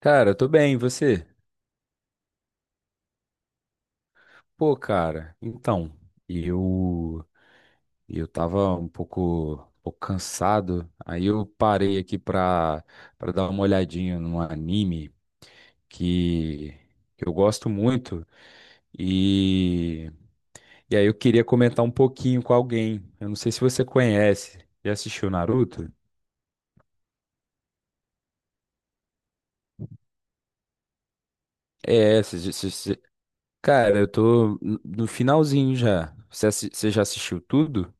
Cara, eu tô bem, e você? Pô, cara, então, eu eu tava um pouco cansado, aí eu parei aqui pra dar uma olhadinha num anime que, que eu gosto muito e, e aí eu queria comentar um pouquinho com alguém. Eu não sei se você conhece, já assistiu Naruto? É, se- se- se- se- Cara, eu tô no finalzinho já. Você já assistiu tudo?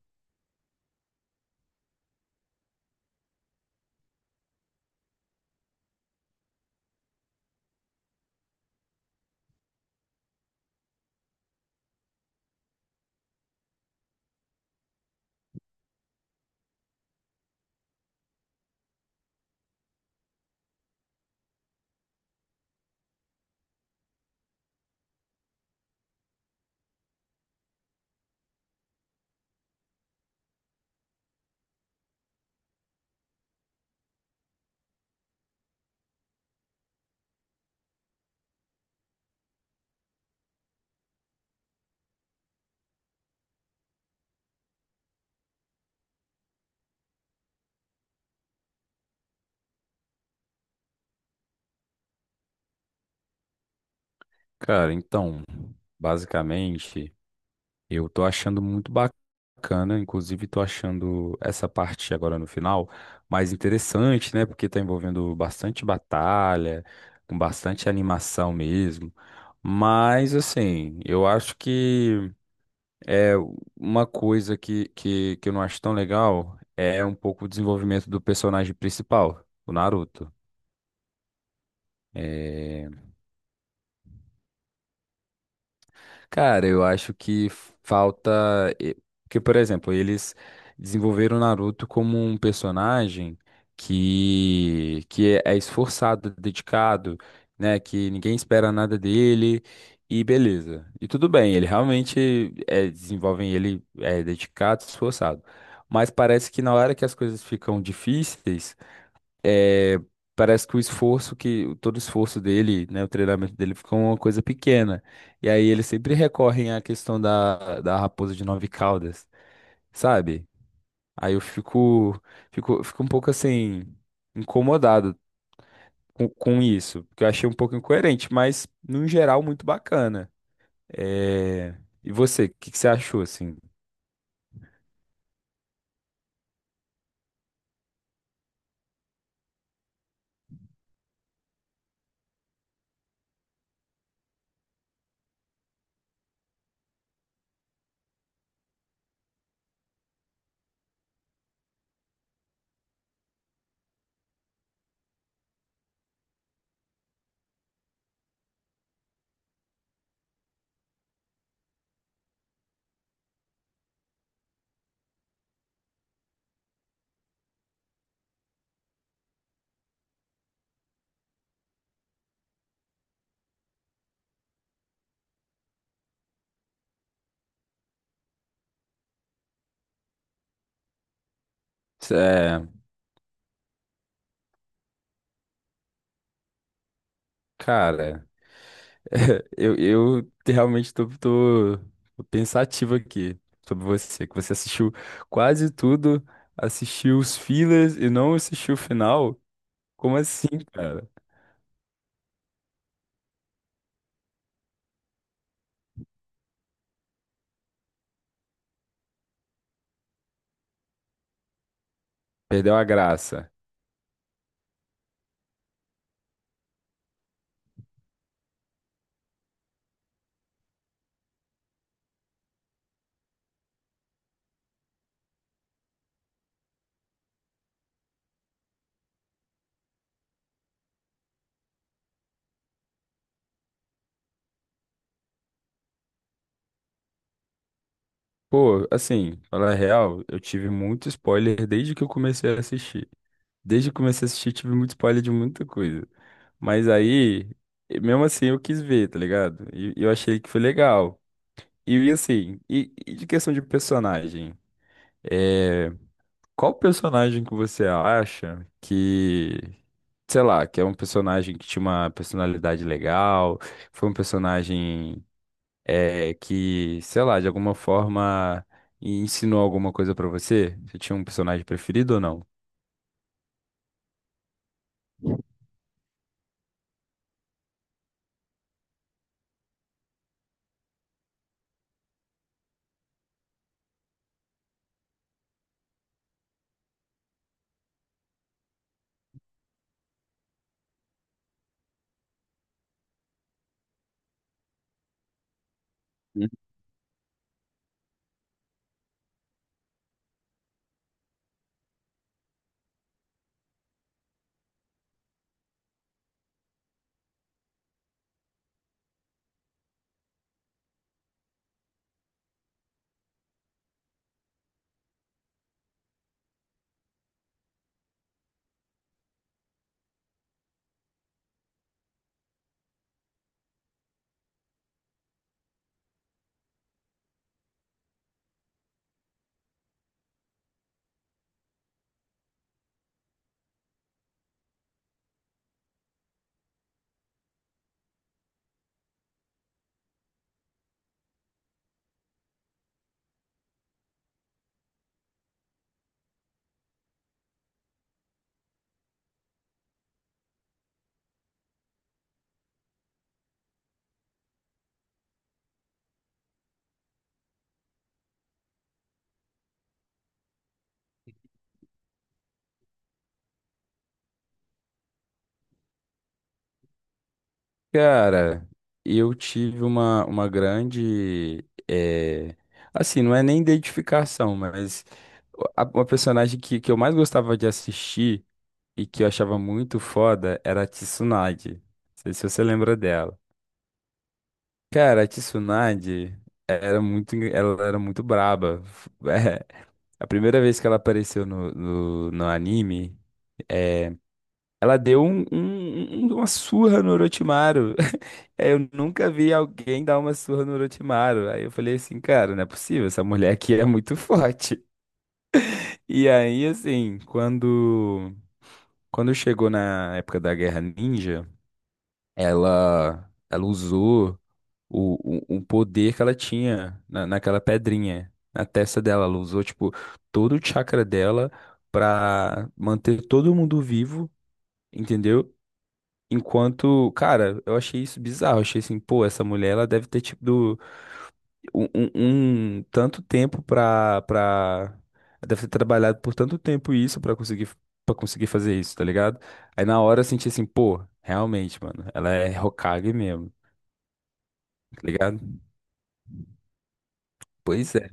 Cara, então, basicamente. Eu tô achando muito bacana, inclusive tô achando essa parte agora no final mais interessante, né? Porque tá envolvendo bastante batalha, com bastante animação mesmo. Mas assim, eu acho que é uma coisa que eu não acho tão legal é um pouco o desenvolvimento do personagem principal, o Naruto. É, Cara, eu acho que falta. e- Porque, por exemplo, eles desenvolveram o Naruto como um personagem que é esforçado, dedicado, né? Que ninguém espera nada dele. E beleza. E tudo bem, ele realmente é, desenvolvem ele é dedicado, esforçado. Mas parece que na hora que as coisas ficam difíceis é, parece que o esforço que todo o esforço dele, né, o treinamento dele fica uma coisa pequena. E aí eles sempre recorrem à questão da raposa de 9 caudas, sabe? Aí eu fico um pouco assim incomodado com isso, porque eu achei um pouco incoerente, mas no geral muito bacana. É, E você, o que você achou assim? Cê- é, Cara. Eu realmente tô pensativo aqui sobre você, que você assistiu quase tudo, assistiu os fillers e não assistiu o final. Como assim, cara? Perdeu a graça. Pô, assim, falar a real, eu tive muito spoiler desde que eu comecei a assistir. Desde que eu comecei a assistir, tive muito spoiler de muita coisa. Mas aí, e mesmo assim, eu quis ver, tá ligado? E eu achei que foi legal. E assim, e de questão de personagem? eh, Qual personagem que você acha que, sei lá, que é um personagem que tinha uma personalidade legal, foi um personagem que, sei lá, de alguma forma ensinou alguma coisa pra você? Você tinha um personagem preferido ou não? Hum. Cara, eu tive uma grande, assim, não é nem identificação, mas uma personagem que eu mais gostava de assistir e que eu achava muito foda era a Tsunade. Não sei se você lembra dela. Cara, a Tsunade era muito, ela era muito braba. A primeira vez que ela apareceu no anime, é, ela deu uma surra no Orochimaru. Eu nunca vi alguém dar uma surra no Orochimaru. Aí eu falei assim, cara, não é possível, essa mulher aqui é muito forte. E aí, assim, quando chegou na época da Guerra Ninja. Ela usou o poder que ela tinha na, naquela pedrinha, na testa dela. Ela usou, tipo, todo o chakra dela pra manter todo mundo vivo, entendeu? Enquanto, cara, eu achei isso bizarro. Eu achei assim, pô, essa mulher, ela deve ter tipo um tanto tempo ela deve ter trabalhado por tanto tempo isso pra conseguir fazer isso, tá ligado? Aí na hora eu senti assim, pô, realmente, mano, ela é Hokage mesmo. Tá ligado? Pois é.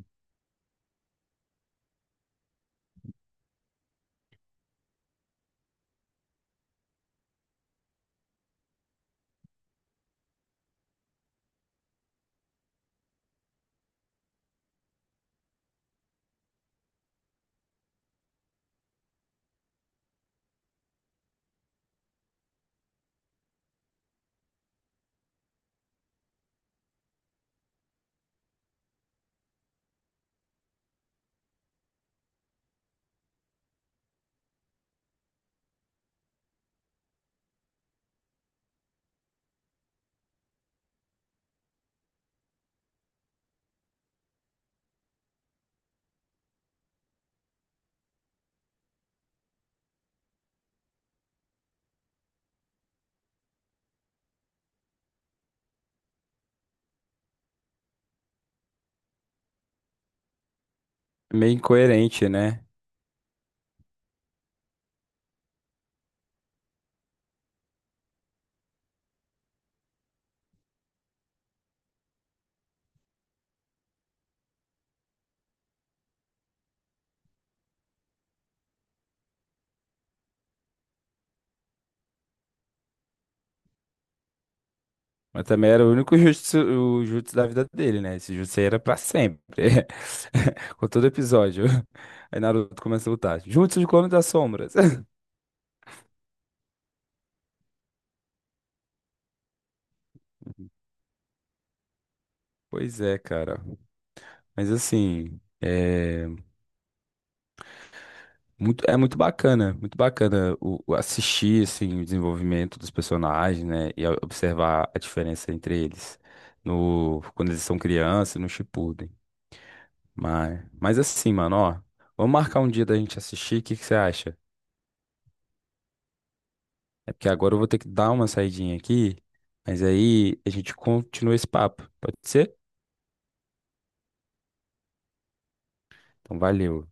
Meio incoerente, né? Mas também era o único jutsu, o jutsu da vida dele, né? Esse jutsu aí era pra sempre. Com todo episódio. Aí Naruto começa a lutar. Jutsu de Clone das Sombras. Pois é, cara. Mas assim, é muito bacana o assistir assim, o desenvolvimento dos personagens, né? E observar a diferença entre eles no, quando eles são crianças e no Shippuden. Mas assim, mano, ó. Vamos marcar um dia da gente assistir, o que que você acha? É porque agora eu vou ter que dar uma saidinha aqui, mas aí a gente continua esse papo, pode ser? Então, valeu.